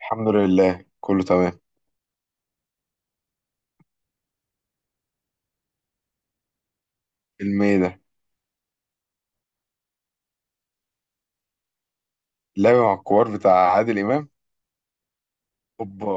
الحمد لله كله تمام. فيلم ايه ده؟ اللعبة مع الكبار بتاع عادل إمام. اوبا.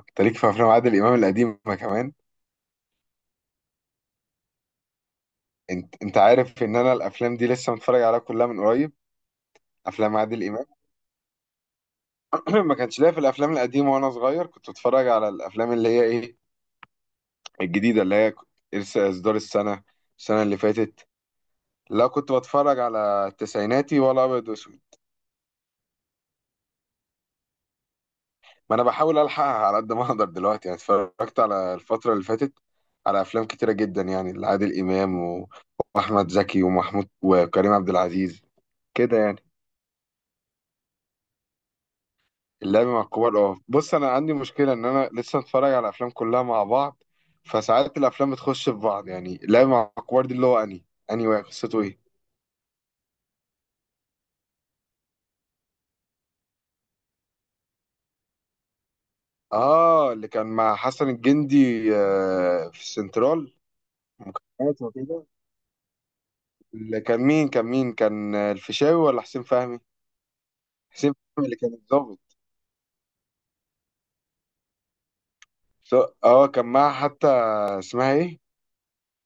انت ليك في افلام عادل إمام القديمة كمان. انت عارف ان انا الافلام دي لسه متفرج عليها كلها من قريب. افلام عادل إمام. ما كانش ليا في الافلام القديمة، وانا صغير كنت بتفرج على الافلام اللي هي ايه، الجديدة، اللي هي لسه اصدار السنة اللي فاتت. لا، كنت بتفرج على التسعيناتي ولا ابيض واسود. ما انا بحاول الحقها على قد ما اقدر دلوقتي، يعني اتفرجت على الفتره اللي فاتت على افلام كتيره جدا يعني لعادل امام واحمد زكي ومحمود وكريم عبد العزيز كده يعني. اللعب مع الكبار، اه، بص انا عندي مشكله ان انا لسه متفرج على افلام كلها مع بعض، فساعات الافلام بتخش في بعض. يعني اللعب مع الكبار دي اللي هو اني واقع، قصته ايه؟ اه، اللي كان مع حسن الجندي، في السنترال، مكالمات وكده. اللي كان مين، كان الفيشاوي ولا حسين فهمي؟ حسين فهمي اللي كان الضابط. ف- اه، كان معاه حتى، اسمها ايه،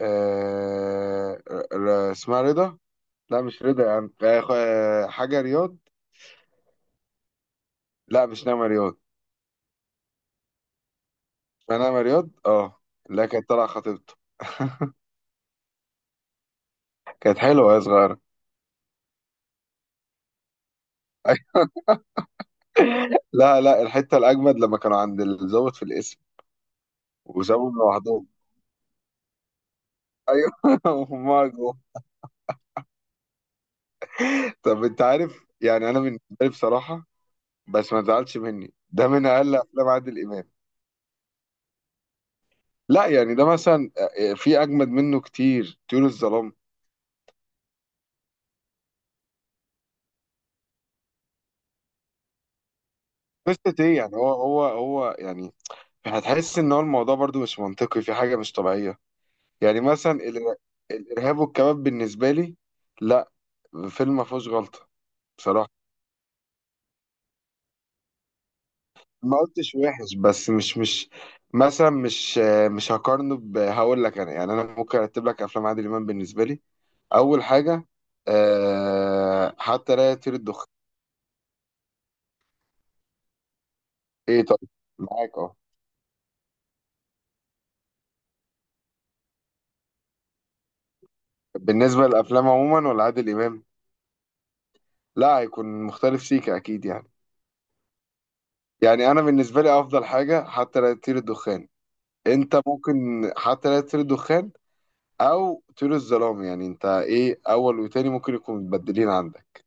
اسمها رضا. لا مش رضا، يعني حاجة رياض. لا مش نعمة رياض. اسمها نعمة رياض، اه. لا كانت طالعة خطيبته. كانت حلوة يا صغيرة. لا لا، الحتة الأجمد لما كانوا عند الضابط في القسم وسابهم لوحدهم. أيوه. وهم جوه. طب أنت عارف يعني أنا بالنسبة لي بصراحة، بس ما تزعلش مني، ده من أقل أفلام عادل إمام. لا يعني ده مثلا في اجمد منه كتير، طيور الظلام. قصة ايه يعني، هو يعني هتحس ان هو الموضوع برضو مش منطقي، في حاجة مش طبيعية. يعني مثلا الارهاب والكباب بالنسبة لي، لا، فيلم ما فيهوش غلطة. بصراحة ما قلتش وحش، بس مش مثلا، مش هقارنه ب- هقول لك انا، يعني انا ممكن ارتب لك افلام عادل امام بالنسبة لي. اول حاجة، أه، حتى لا يطير الدخان. ايه، طيب، معاك اه. بالنسبة للأفلام عموما ولا عادل إمام؟ لا هيكون مختلف سيكا أكيد يعني. يعني أنا بالنسبة لي أفضل حاجة حتى لا تطير الدخان. أنت ممكن حتى لا تطير الدخان أو طيور الظلام، يعني أنت إيه أول وتاني ممكن يكونوا متبدلين عندك.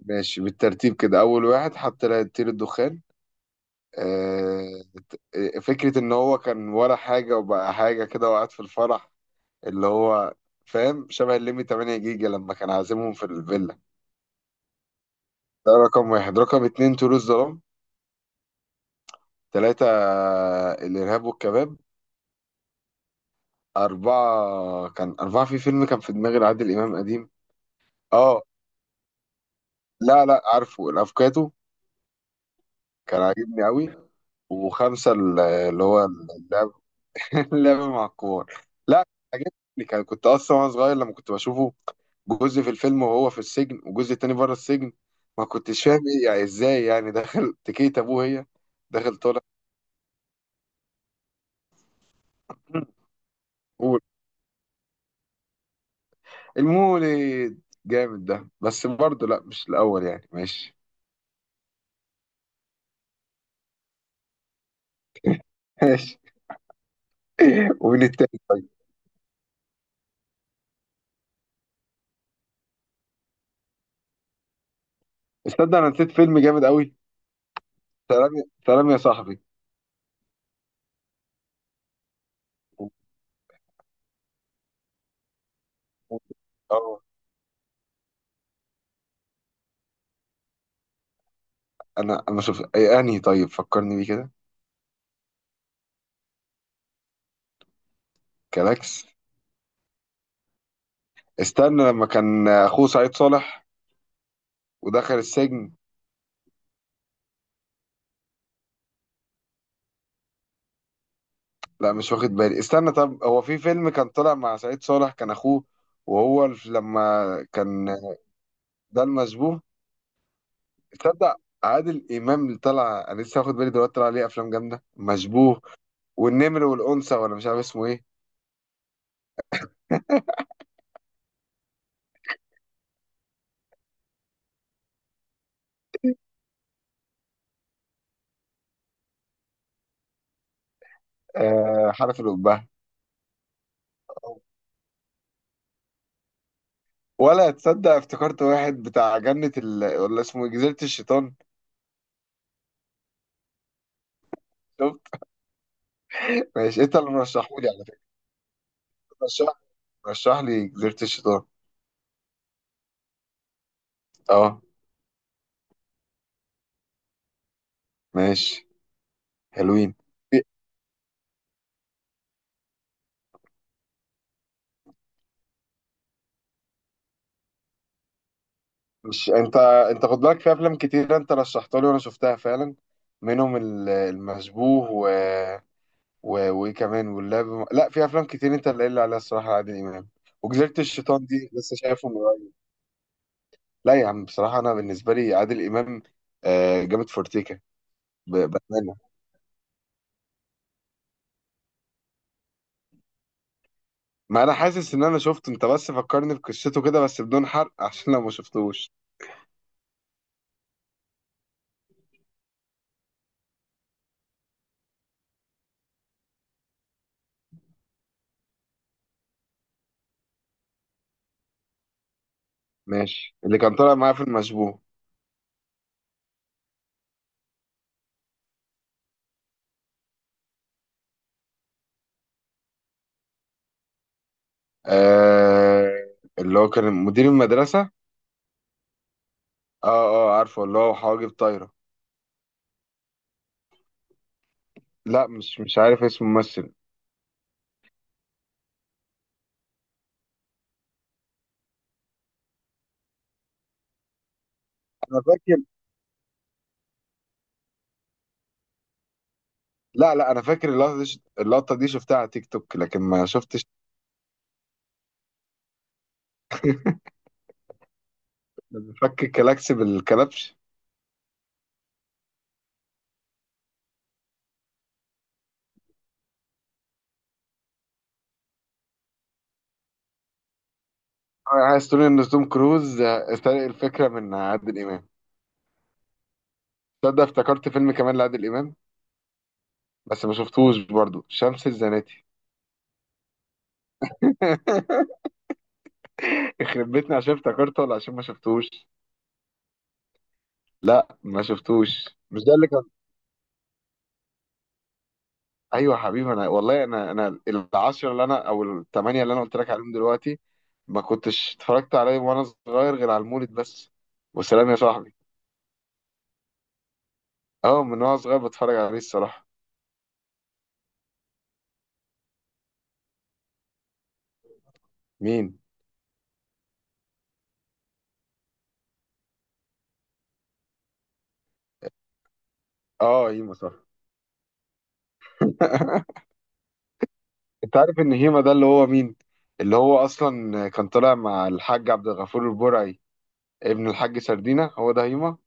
ماشي، بالترتيب كده، أول واحد حتى لا تطير الدخان، آه، فكرة إن هو كان ولا حاجة وبقى حاجة كده وقعد في الفرح، اللي هو فاهم، شبه الليمي 8 جيجا لما كان عازمهم في الفيلا. ده رقم واحد. رقم اتنين طيور الظلام. ثلاثة الإرهاب والكباب. أربعة كان أربعة في فيلم كان في دماغي لعادل إمام قديم، أه، لا لا، عارفه، الأفوكاتو، كان عاجبني أوي. وخمسة اللي هو اللعب، اللعب مع الكبار. لا عجبني، كان كنت أصلا وأنا صغير لما كنت بشوفه، جزء في الفيلم وهو في السجن وجزء تاني بره السجن، ما كنتش فاهم إيه، يعني إزاي يعني داخل تكيت أبوه، هي داخل طالع. قول. المولد جامد ده، بس برضه لا مش الأول يعني، ماشي. ماشي. ومين التاني طيب؟ استنى انا نسيت فيلم جامد قوي، سلام سلام يا صاحبي. اه انا شوف اي انهي طيب، فكرني بيه كده. كلاكس. استنى لما كان اخوه سعيد صالح ودخل السجن. لا مش واخد بالي، استنى، طب هو في فيلم كان طلع مع سعيد صالح كان اخوه، وهو لما كان، ده المشبوه. تصدق عادل امام اللي طلع، انا لسه واخد بالي دلوقتي طلع عليه افلام جامده، مشبوه والنمر والانثى، ولا مش عارف اسمه ايه. آه، حرف الأبهة. ولا تصدق افتكرت واحد بتاع جنة ال... ولا اسمه إيه؟ جزيرة الشيطان. شفت؟ ماشي انت اللي مرشحهولي على فكرة. رشح، رشح لي جزيرة الشيطان. اه، ماشي، حلوين. إيه، مش انت، انت خد بالك في افلام كتير انت رشحتها لي وانا شفتها فعلا، منهم المشبوه و... و... وايه كمان، واللعب. لا في افلام كتير انت اللي قايل لي عليها الصراحة، عادل امام. وجزيرة الشيطان دي لسه شايفه من قريب. لا يا عم بصراحة انا بالنسبة لي عادل امام، آه، جامد فورتيكا. بأمانة. ما انا حاسس ان انا شفته انت، بس فكرني بقصته كده، بس بدون حرق عشان لو ما شفتوش. ماشي. اللي كان طالع معايا في المشبوه. آه... اللي هو كان مدير المدرسة. اه اه، عارفه، اللي هو حواجب طايرة. لا مش عارف اسم الممثل. انا فاكر. لا لا، انا فاكر اللقطة دي، اللقطة دي شفتها على تيك توك، لكن ما شفتش لما فك الكلاكس بالكلبش. آه، عايز تقول ان توم كروز سرق الفكرة من عادل امام؟ تصدق افتكرت فيلم كمان لعادل امام، بس ما شفتوش برضو، شمس الزناتي. يخرب بيتنا، عشان افتكرته ولا عشان ما شفتوش؟ لا ما شفتوش. مش ده اللي كان. ايوه يا حبيبي انا والله، انا العشرة اللي انا او الثمانية اللي انا قلت لك عليهم دلوقتي، ما كنتش اتفرجت عليه وانا صغير غير على المولد بس، وسلام يا صاحبي. اه، من وانا صغير بتفرج عليه الصراحة. مين؟ اه، هيما، صح. انت عارف ان هيما ده اللي هو مين؟ اللي هو اصلا كان طالع مع الحاج عبد الغفور البرعي، ابن الحاج سردينة، هو ده هيما.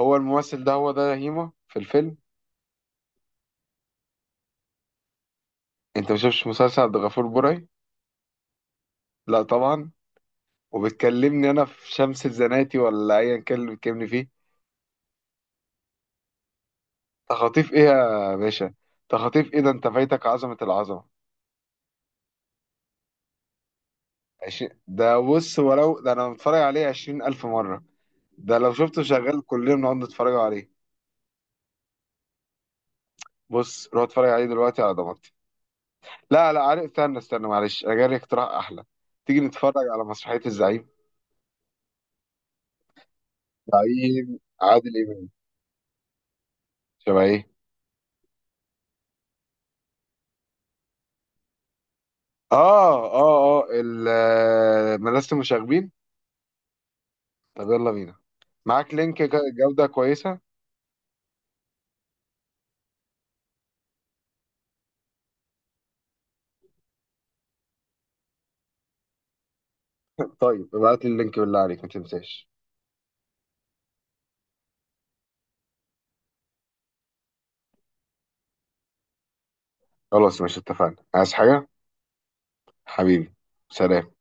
هو الممثل ده هو ده هيما في الفيلم. انت ما شفتش مسلسل عبد الغفور برعي؟ لا طبعا. وبتكلمني انا في شمس الزناتي ولا ايا كان اللي بتكلمني فيه. تخاطيف ايه يا باشا؟ تخاطيف ايه ده، انت فايتك عظمه، العظمه. 20، ده بص، ولو ده انا متفرج عليه 20,000 مره. ده لو شفته شغال كلنا بنقعد نتفرج عليه. بص روح اتفرج عليه دلوقتي على ضمانتي. لا لا عارف، استنى استنى، معلش انا جالي اقتراح احلى. تيجي نتفرج على مسرحيه الزعيم، زعيم عادل امام. شبه ايه؟ اه اه اه، مدرسه المشاغبين. طب يلا بينا، معاك لينك جودة كويسة؟ طيب ابعت لي اللينك بالله عليك ما تنساش. خلاص، مش اتفقنا؟ عايز حاجة؟ حبيبي، سلام.